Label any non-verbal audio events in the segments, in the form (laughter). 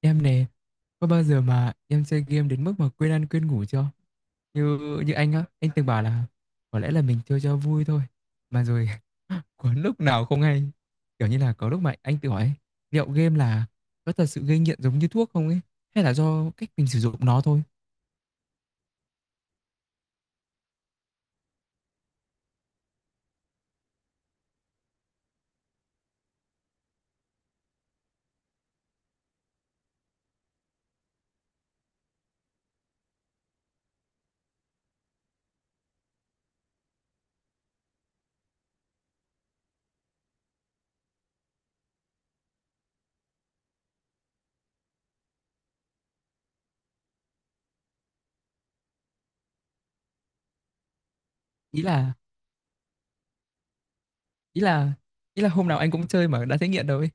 Em nè, có bao giờ mà em chơi game đến mức mà quên ăn quên ngủ chưa? Như như anh á, anh từng bảo là có lẽ là mình chơi cho vui thôi. Mà rồi (laughs) có lúc nào không hay. Kiểu như là có lúc mà anh tự hỏi ấy, liệu game là có thật sự gây nghiện giống như thuốc không ấy? Hay là do cách mình sử dụng nó thôi? Ý là ý là ý là hôm nào anh cũng chơi mà đã thấy nghiện đâu ấy.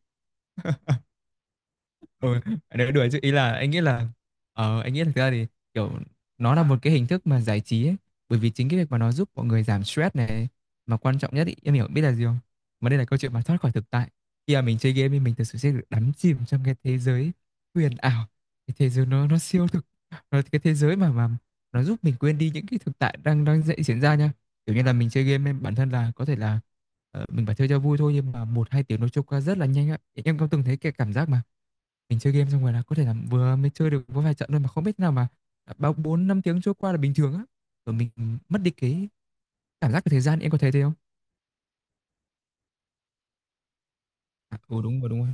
Ừ, nói đùa chứ ý là anh nghĩ là thực ra thì kiểu nó là một cái hình thức mà giải trí ấy. Bởi vì chính cái việc mà nó giúp mọi người giảm stress này mà quan trọng nhất ý, em hiểu biết là gì không? Mà đây là câu chuyện mà thoát khỏi thực tại. Khi mà mình chơi game thì mình thực sự sẽ được đắm chìm trong cái thế giới huyền ảo, cái thế giới nó siêu thực, nó cái thế giới mà nó giúp mình quên đi những cái thực tại đang đang dậy diễn ra nha. Kiểu như là mình chơi game em bản thân là có thể là mình phải chơi cho vui thôi nhưng mà một hai tiếng nó trôi qua rất là nhanh á. Em có từng thấy cái cảm giác mà mình chơi game xong rồi là có thể là vừa mới chơi được có vài trận thôi mà không biết thế nào mà đã bao bốn năm tiếng trôi qua là bình thường á. Rồi mình mất đi cái cảm giác về thời gian, em có thấy thế không? À, ừ, đúng rồi, đúng rồi.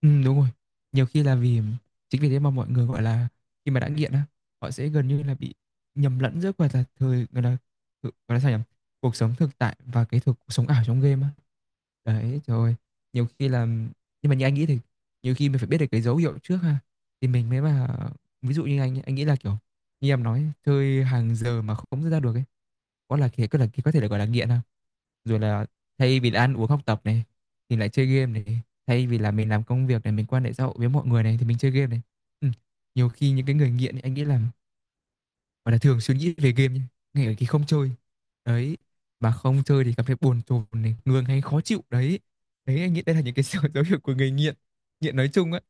Đúng rồi. Nhiều khi là vì chính vì thế mà mọi người, gọi là, khi mà đã nghiện á, họ sẽ gần như là bị nhầm lẫn giữa, gọi là, thời gọi là, thực gọi là, sao nhỉ? Cuộc sống thực tại và cái thực cuộc sống ảo trong game á. Đấy, trời ơi, nhiều khi là nhưng mà như anh nghĩ thì nhiều khi mình phải biết được cái dấu hiệu trước ha, thì mình mới mà ví dụ như anh ấy, anh nghĩ là, kiểu, như em nói, chơi hàng giờ mà không rút ra được ấy, có thể là, gọi là, nghiện ha, rồi là thay vì là ăn uống học tập này thì lại chơi game này, thay vì là mình làm công việc này mình quan hệ xã hội với mọi người này thì mình chơi game này. Ừ. Nhiều khi những cái người nghiện ấy, anh nghĩ là gọi là thường suy nghĩ về game nhá ngay ở khi không chơi đấy, mà không chơi thì cảm thấy bồn chồn này ngường hay khó chịu đấy. Đấy anh nghĩ đây là những cái (laughs) dấu dấu hiệu của người nghiện nghiện nói chung á.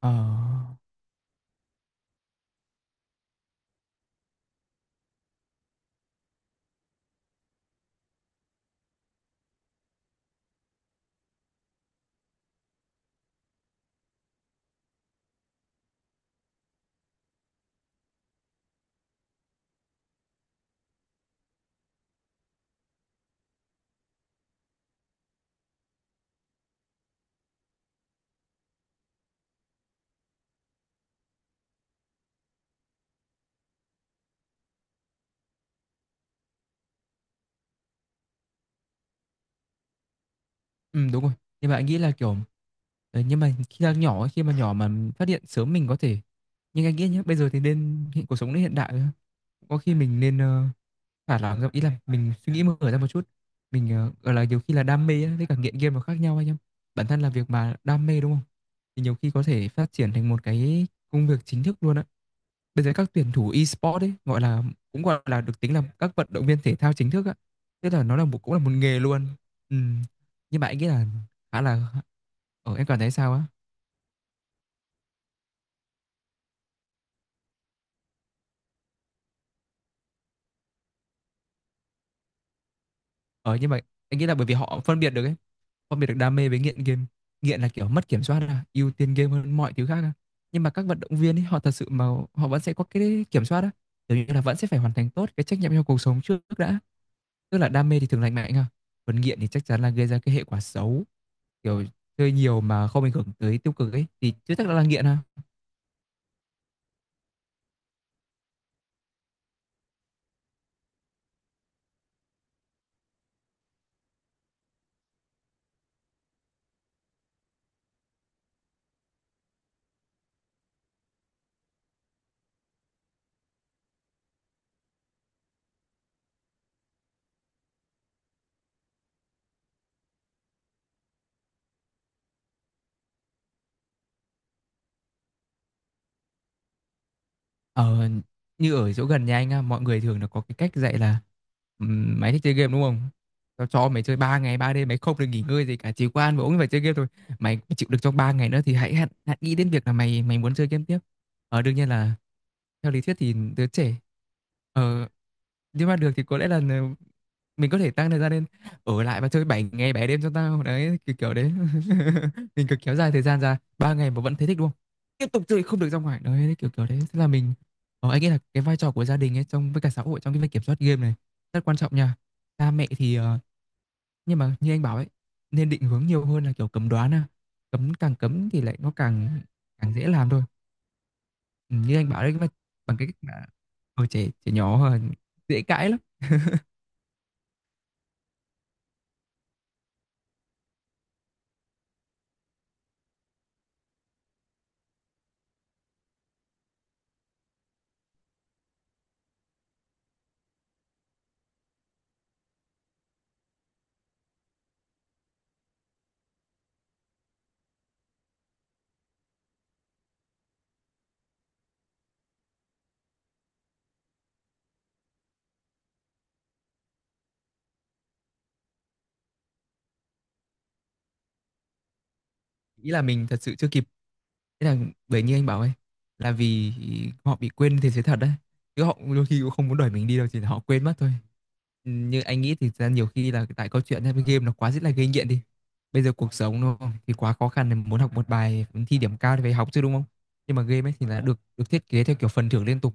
ờ ừ, đúng rồi. Nhưng mà anh nghĩ là kiểu, đấy, nhưng mà khi là nhỏ ấy, khi mà nhỏ mà phát hiện sớm mình có thể, nhưng anh nghĩ nhé bây giờ thì nên hiện cuộc sống đến hiện đại có khi mình nên thả lỏng ra ý là mình suy nghĩ mở ra một chút mình gọi là nhiều khi là đam mê á, với cả nghiện game nó khác nhau anh em bản thân là việc mà đam mê đúng không thì nhiều khi có thể phát triển thành một cái công việc chính thức luôn á. Bây giờ các tuyển thủ e-sport ấy gọi là cũng gọi là được tính là các vận động viên thể thao chính thức á, tức là nó là một cũng là một nghề luôn. Ừ. Nhưng mà anh nghĩ là khá là em cảm thấy sao á? Ờ nhưng mà anh nghĩ là bởi vì họ phân biệt được ấy, phân biệt được đam mê với nghiện game. Nghiện là kiểu mất kiểm soát là ưu tiên game hơn mọi thứ khác á. Nhưng mà các vận động viên ấy họ thật sự mà họ vẫn sẽ có cái kiểm soát á, kiểu như là vẫn sẽ phải hoàn thành tốt cái trách nhiệm trong cuộc sống trước đã. Tức là đam mê thì thường lành mạnh ha. Còn nghiện thì chắc chắn là gây ra cái hệ quả xấu, kiểu chơi nhiều mà không ảnh hưởng tới tiêu cực ấy thì chưa chắc đã là nghiện ha. Ờ, như ở chỗ gần nhà anh á, mọi người thường là có cái cách dạy là mày thích chơi game đúng không? Tao cho mày chơi 3 ngày 3 đêm mày không được nghỉ ngơi gì cả chỉ có ăn và uống và chơi game thôi. Mày chịu được trong 3 ngày nữa thì hãy hãy, hãy nghĩ đến việc là mày mày muốn chơi game tiếp. Ờ đương nhiên là theo lý thuyết thì đứa trẻ, ờ nhưng mà được thì có lẽ là mình có thể tăng thời gian lên ở lại và chơi 7 ngày 7 đêm cho tao đấy kiểu kiểu đấy (laughs) mình cứ kéo dài thời gian ra 3 ngày mà vẫn thấy thích đúng không, tiếp tục chơi không được ra ngoài đấy kiểu kiểu đấy thế là mình. Ờ, anh nghĩ là cái vai trò của gia đình ấy trong với cả xã hội trong cái việc kiểm soát game này rất quan trọng nha. Cha mẹ thì nhưng mà như anh bảo ấy nên định hướng nhiều hơn là kiểu cấm đoán à. Cấm càng cấm thì lại nó càng càng dễ làm thôi. Ừ, như anh bảo đấy, mà bằng cái cách mà ở trẻ trẻ nhỏ dễ cãi lắm. Nghĩ là mình thật sự chưa kịp, thế là, bởi như anh bảo ấy là vì họ bị quên thế giới thật đấy chứ họ đôi khi cũng không muốn đuổi mình đi đâu chỉ là họ quên mất thôi. Ừ, như anh nghĩ thì thật ra nhiều khi là tại câu chuyện hay với game nó quá rất là gây nghiện đi, bây giờ cuộc sống đúng không thì quá khó khăn thì muốn học một bài thi điểm cao thì phải học chứ đúng không, nhưng mà game ấy thì là được được thiết kế theo kiểu phần thưởng liên tục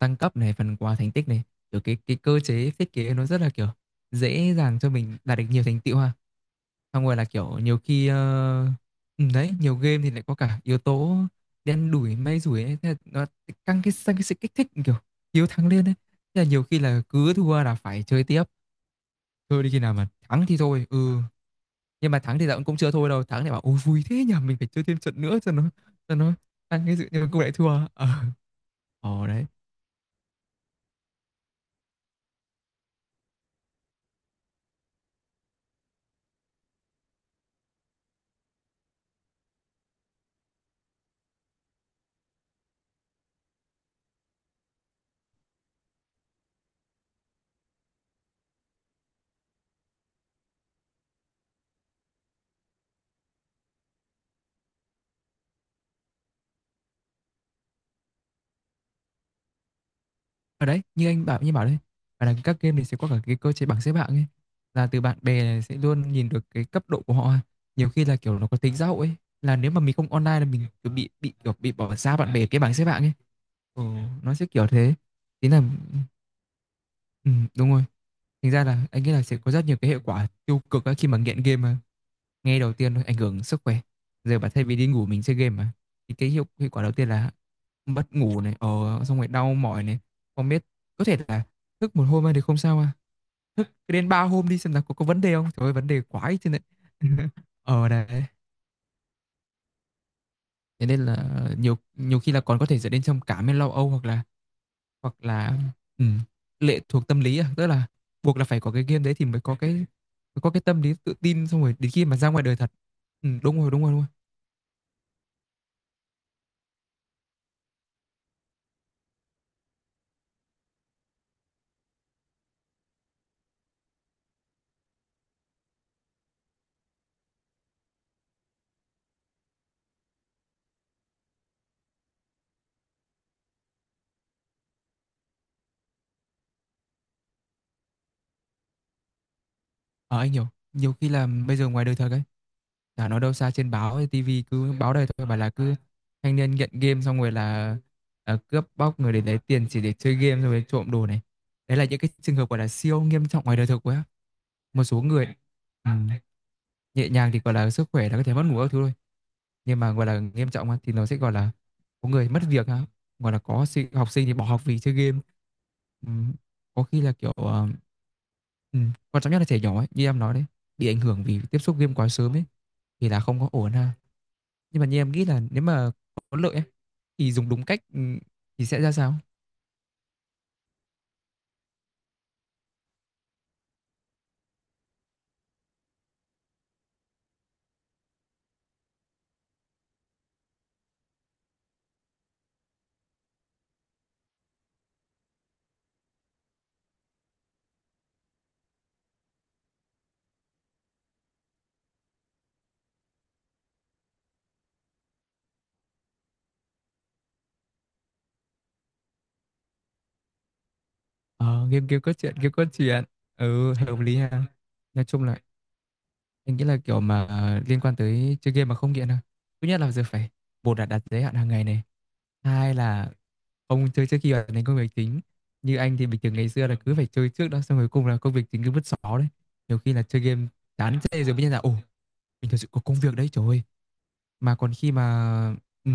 tăng cấp này phần quà thành tích này, kiểu cái cơ chế thiết kế nó rất là kiểu dễ dàng cho mình đạt được nhiều thành tựu ha. Xong rồi là kiểu nhiều khi ừ, đấy nhiều game thì lại có cả yếu tố đen đủi may rủi ấy. Thế là nó căng cái sang cái sự kích thích kiểu hiếu thắng lên ấy. Thế là nhiều khi là cứ thua là phải chơi tiếp, chơi đến khi nào mà thắng thì thôi. Ừ, nhưng mà thắng thì dạo cũng chưa thôi đâu, thắng thì bảo ôi vui thế nhờ mình phải chơi thêm trận nữa cho nó tăng cái sự, nhưng mà cũng lại thua. Ờ Ồ, đấy. Ở đấy như anh bảo đấy và là các game thì sẽ có cả cái cơ chế bảng xếp hạng ấy là từ bạn bè này sẽ luôn nhìn được cái cấp độ của họ nhiều khi là kiểu nó có tính xã hội ấy là nếu mà mình không online là mình cứ bị kiểu bị bỏ xa bạn bè cái bảng xếp hạng ấy. Ừ, nó sẽ kiểu thế tính là ừ, ừ, đúng rồi. Thành ra là anh nghĩ là sẽ có rất nhiều cái hệ quả tiêu cực ấy khi mà nghiện game mà. Nghe đầu tiên thôi ảnh hưởng sức khỏe. Giờ bảo thay vì đi ngủ mình chơi game mà. Thì cái hiệu quả đầu tiên là mất ngủ này, xong rồi đau mỏi này, không biết có thể là thức một hôm thì không sao à. Thức đến 3 hôm đi xem là có vấn đề không. Trời ơi vấn đề quá ấy chứ này. (laughs) Ờ đấy. Thế nên là nhiều nhiều khi là còn có thể dẫn đến trầm cảm hay lo âu hoặc là, hoặc là ừ, lệ thuộc tâm lý à, tức là buộc là phải có cái game đấy thì mới có cái tâm lý tự tin xong rồi đến khi mà ra ngoài đời thật. Ừ, đúng rồi, đúng rồi, đúng rồi. Ờ, anh hiểu, nhiều khi là bây giờ ngoài đời thật ấy, chả nói đâu xa trên báo hay tivi cứ báo đầy thôi bảo là cứ thanh niên nghiện game xong rồi là, à, cướp bóc người để lấy tiền chỉ để chơi game xong rồi trộm đồ này. Đấy là những cái trường hợp gọi là siêu nghiêm trọng ngoài đời thực quá. Một số người, ừ, nhẹ nhàng thì gọi là sức khỏe là có thể mất ngủ các thứ thôi nhưng mà gọi là nghiêm trọng á, thì nó sẽ gọi là có người mất việc á, gọi là có sinh, học sinh thì bỏ học vì chơi game. Ừm, có khi là kiểu quan trọng nhất là trẻ nhỏ ấy, như em nói đấy bị ảnh hưởng vì tiếp xúc game quá sớm ấy thì là không có ổn ha nhưng mà như em nghĩ là nếu mà có lợi ấy, thì dùng đúng cách, thì sẽ ra sao. Ờ, Game game có chuyện game cốt chuyện ừ hợp lý ha nói chung là mình nghĩ là kiểu mà liên quan tới chơi game mà không nghiện thôi. Thứ nhất là giờ phải một là đặt giới hạn hàng ngày này. Hai là không chơi trước khi hoàn thành công việc chính. Như anh thì bình thường ngày xưa là cứ phải chơi trước đó xong rồi cùng là công việc chính cứ vứt xó đấy. Nhiều khi là chơi game chán chê rồi mới nhận ra ồ mình thật sự có công việc đấy trời ơi. Mà còn khi mà ừ.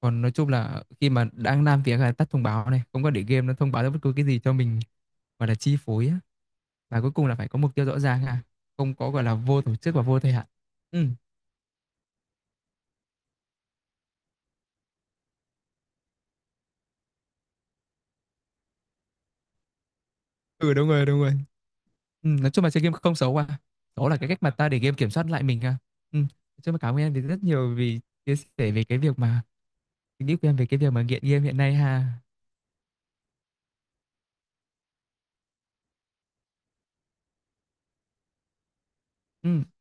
Còn nói chung là khi mà đang làm việc là tắt thông báo này, không có để game nó thông báo ra bất cứ cái gì cho mình gọi là chi phối á, và cuối cùng là phải có mục tiêu rõ ràng ha, không có gọi là vô tổ chức và vô thời hạn. Ừ, ừ, đúng rồi, đúng rồi. Ừ, nói chung là chơi game không xấu à, đó là cái cách mà ta để game kiểm soát lại mình à. Ừ. Nói chung là cảm ơn em vì rất nhiều vì chia sẻ về cái việc mà suy nghĩ của em về cái việc mà nghiện game hiện nay ha. Ừ.